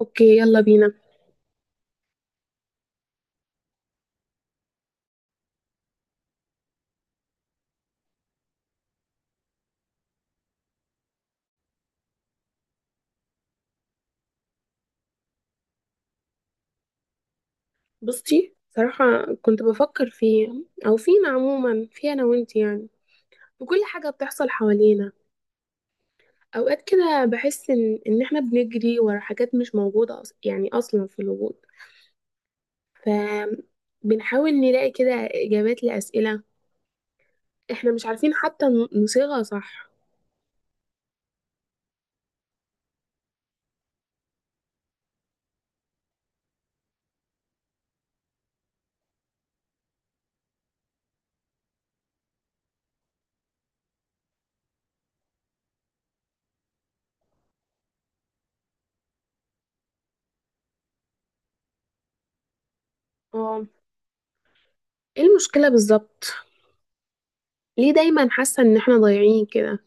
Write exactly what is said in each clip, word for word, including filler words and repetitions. اوكي، يلا بينا. بصي صراحة كنت بفكر فيه، او فينا عموما، في انا وانت يعني، وكل حاجة بتحصل حوالينا. اوقات كده بحس ان ان احنا بنجري ورا حاجات مش موجودة أص... يعني اصلا في الوجود. ف بنحاول نلاقي كده اجابات لأسئلة احنا مش عارفين حتى ن- نصيغها صح. اه، ايه المشكلة بالظبط؟ ليه دايما حاسة ان احنا ضايعين كده؟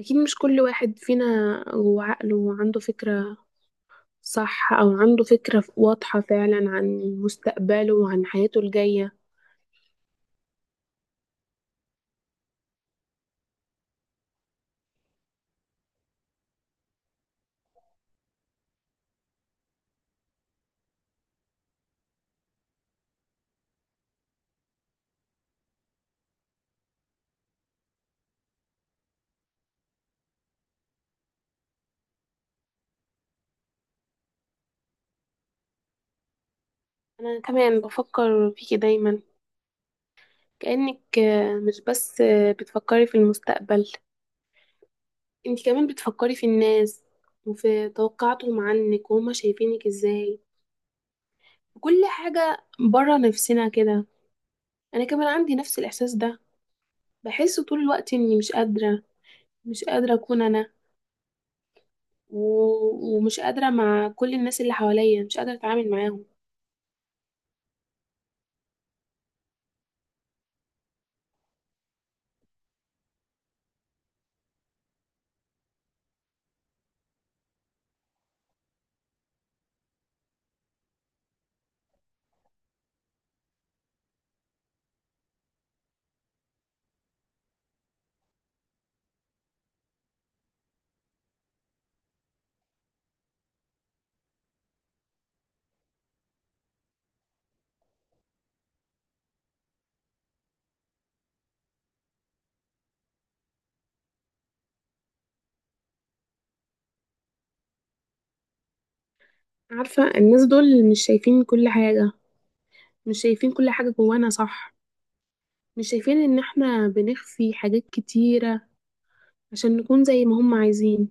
اكيد مش كل واحد فينا جوه عقله وعنده فكرة صح، أو عنده فكرة واضحة فعلا عن مستقبله وعن حياته الجاية. أنا كمان بفكر فيكي دايما، كأنك آه، مش بس آه، بتفكري في المستقبل، انت كمان بتفكري في الناس وفي توقعاتهم عنك وهما شايفينك ازاي، كل حاجة برا نفسنا كده. أنا كمان عندي نفس الإحساس ده، بحس طول الوقت إني مش قادرة مش قادرة أكون أنا، و... ومش قادرة مع كل الناس اللي حواليا، مش قادرة أتعامل معاهم. عارفة الناس دول مش شايفين كل حاجة، مش شايفين كل حاجة جوانا صح، مش شايفين ان احنا بنخفي حاجات كتيرة عشان نكون زي ما هم عايزين.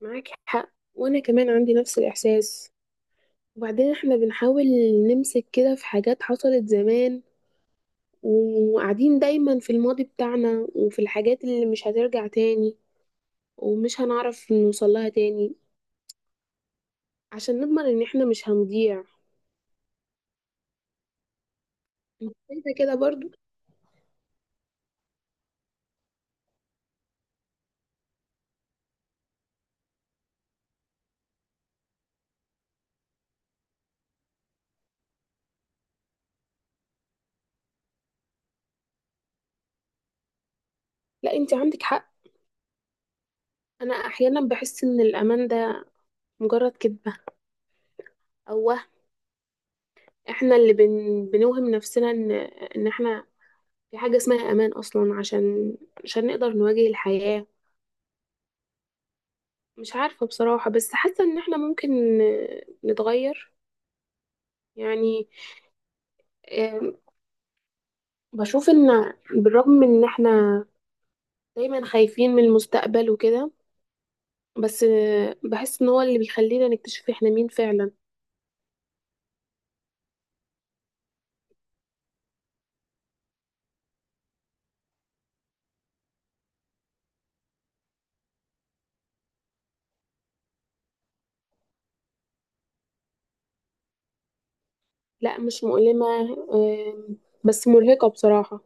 معاك حق، وانا كمان عندي نفس الاحساس. وبعدين احنا بنحاول نمسك كده في حاجات حصلت زمان، وقاعدين دايما في الماضي بتاعنا وفي الحاجات اللي مش هترجع تاني ومش هنعرف نوصلها تاني، عشان نضمن ان احنا مش هنضيع. انت شايفة كده برضو؟ لا، انت عندك حق. انا احيانا بحس ان الامان ده مجرد كدبة أو وهم، احنا اللي بن... بنوهم نفسنا ان ان احنا في حاجة اسمها امان اصلا، عشان عشان نقدر نواجه الحياة. مش عارفة بصراحة، بس حاسة ان احنا ممكن آه، نتغير. يعني آه، بشوف ان بالرغم ان احنا دايما خايفين من المستقبل وكده، بس آه، بحس ان هو اللي بيخلينا نكتشف احنا مين فعلا. لا مش مؤلمة، آه، بس مرهقة بصراحة،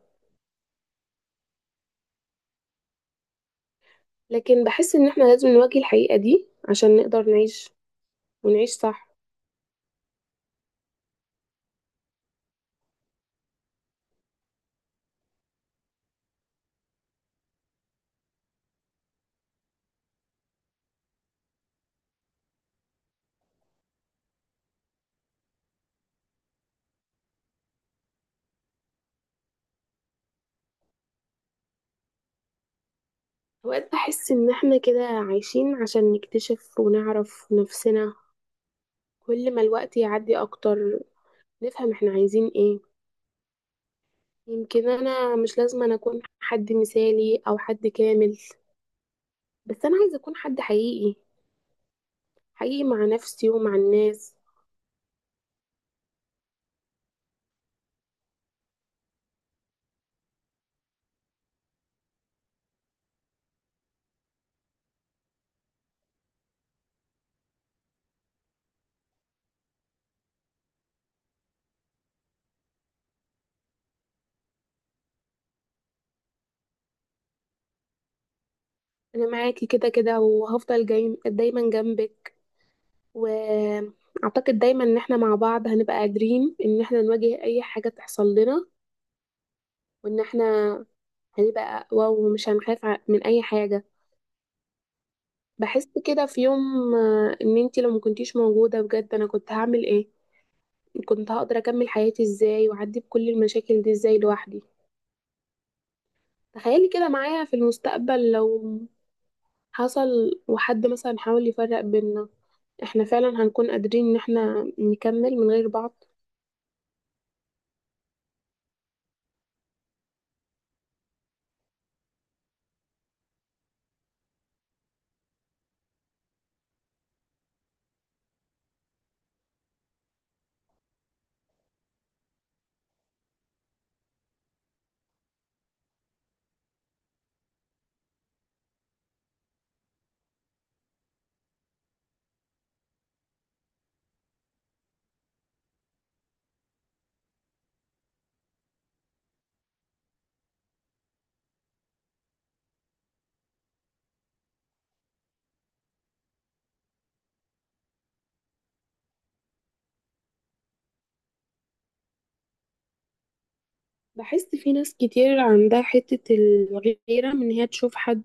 لكن بحس ان احنا لازم نواجه الحقيقة دي عشان نقدر نعيش، ونعيش صح. أوقات بحس إن إحنا كده عايشين عشان نكتشف ونعرف نفسنا، كل ما الوقت يعدي أكتر نفهم إحنا عايزين إيه. يمكن أنا مش لازم أنا أكون حد مثالي أو حد كامل، بس أنا عايزة أكون حد حقيقي، حقيقي مع نفسي ومع الناس. أنا معاكي كده كده، وهفضل جاي دايما جنبك، وأعتقد دايما إن إحنا مع بعض هنبقى قادرين إن إحنا نواجه أي حاجة تحصل لنا، وإن إحنا هيبقى واو مش هنخاف ع- من اي حاجه. بحس كده في يوم، آه، ان انتي لو ما كنتيش موجوده بجد انا كنت هعمل ايه؟ كنت هقدر اكمل حياتي ازاي واعدي بكل المشاكل دي ازاي لوحدي؟ تخيلي كده معايا في المستقبل لو حصل وحد مثلا حاول يفرق بينا، احنا فعلا هنكون قادرين ان احنا نكمل من غير بعض؟ بحس في ناس كتير عندها حتة الغيرة من ان هي تشوف حد،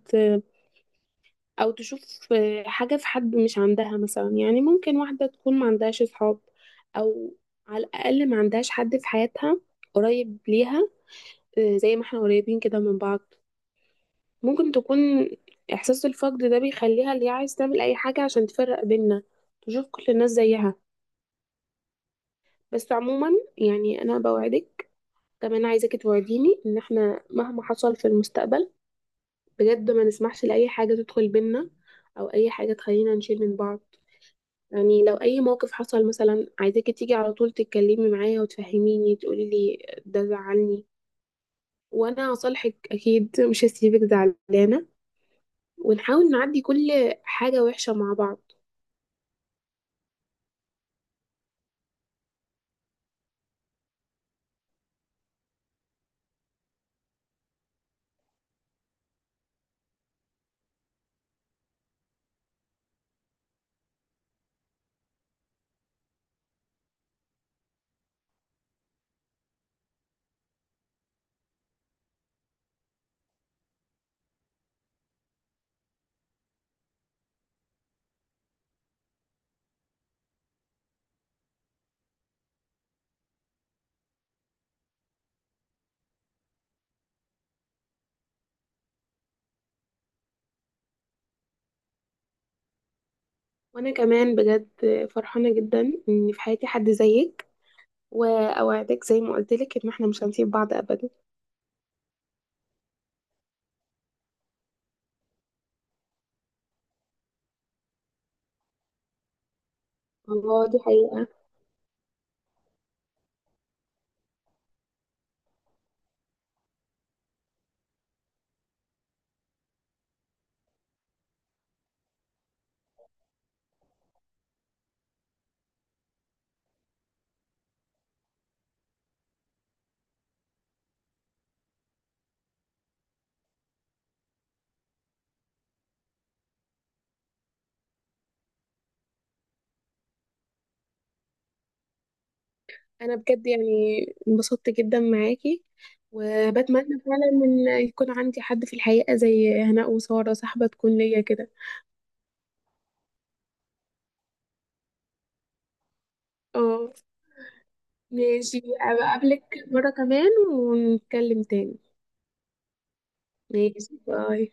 او تشوف آه، حاجة في حد مش عندها. مثلا يعني ممكن واحدة تكون ما عندهاش صحاب، او على الاقل ما عندهاش حد في حياتها قريب ليها آه، زي ما احنا قريبين كده من بعض. ممكن تكون احساس الفقد ده بيخليها اللي هي عايز تعمل اي حاجة عشان تفرق بيننا، تشوف كل الناس زيها. بس عموما، يعني انا بوعدك، كمان عايزاكي توعديني ان احنا مهما حصل في المستقبل بجد ما نسمحش لاي حاجة تدخل بينا، او اي حاجة تخلينا نشيل من بعض. يعني لو اي موقف حصل مثلا، عايزاكي تيجي على طول تتكلمي معايا وتفهميني، تقولي لي ده زعلني وانا هصالحك اكيد، مش هسيبك زعلانه. ونحاول نعدي كل حاجه وحشه مع بعض. وانا كمان بجد فرحانه جدا ان في حياتي حد زيك، واوعدك زي ما قلت لك ان احنا مش هنسيب بعض ابدا. الله دي حقيقه. انا بجد يعني انبسطت جدا معاكي، وبتمنى فعلا ان يكون عندي حد في الحقيقه زي هناء وساره، صاحبه تكون ليا كده. اه، ماشي. ابقى اقابلك مرة كمان ونتكلم تاني. ماشي، باي.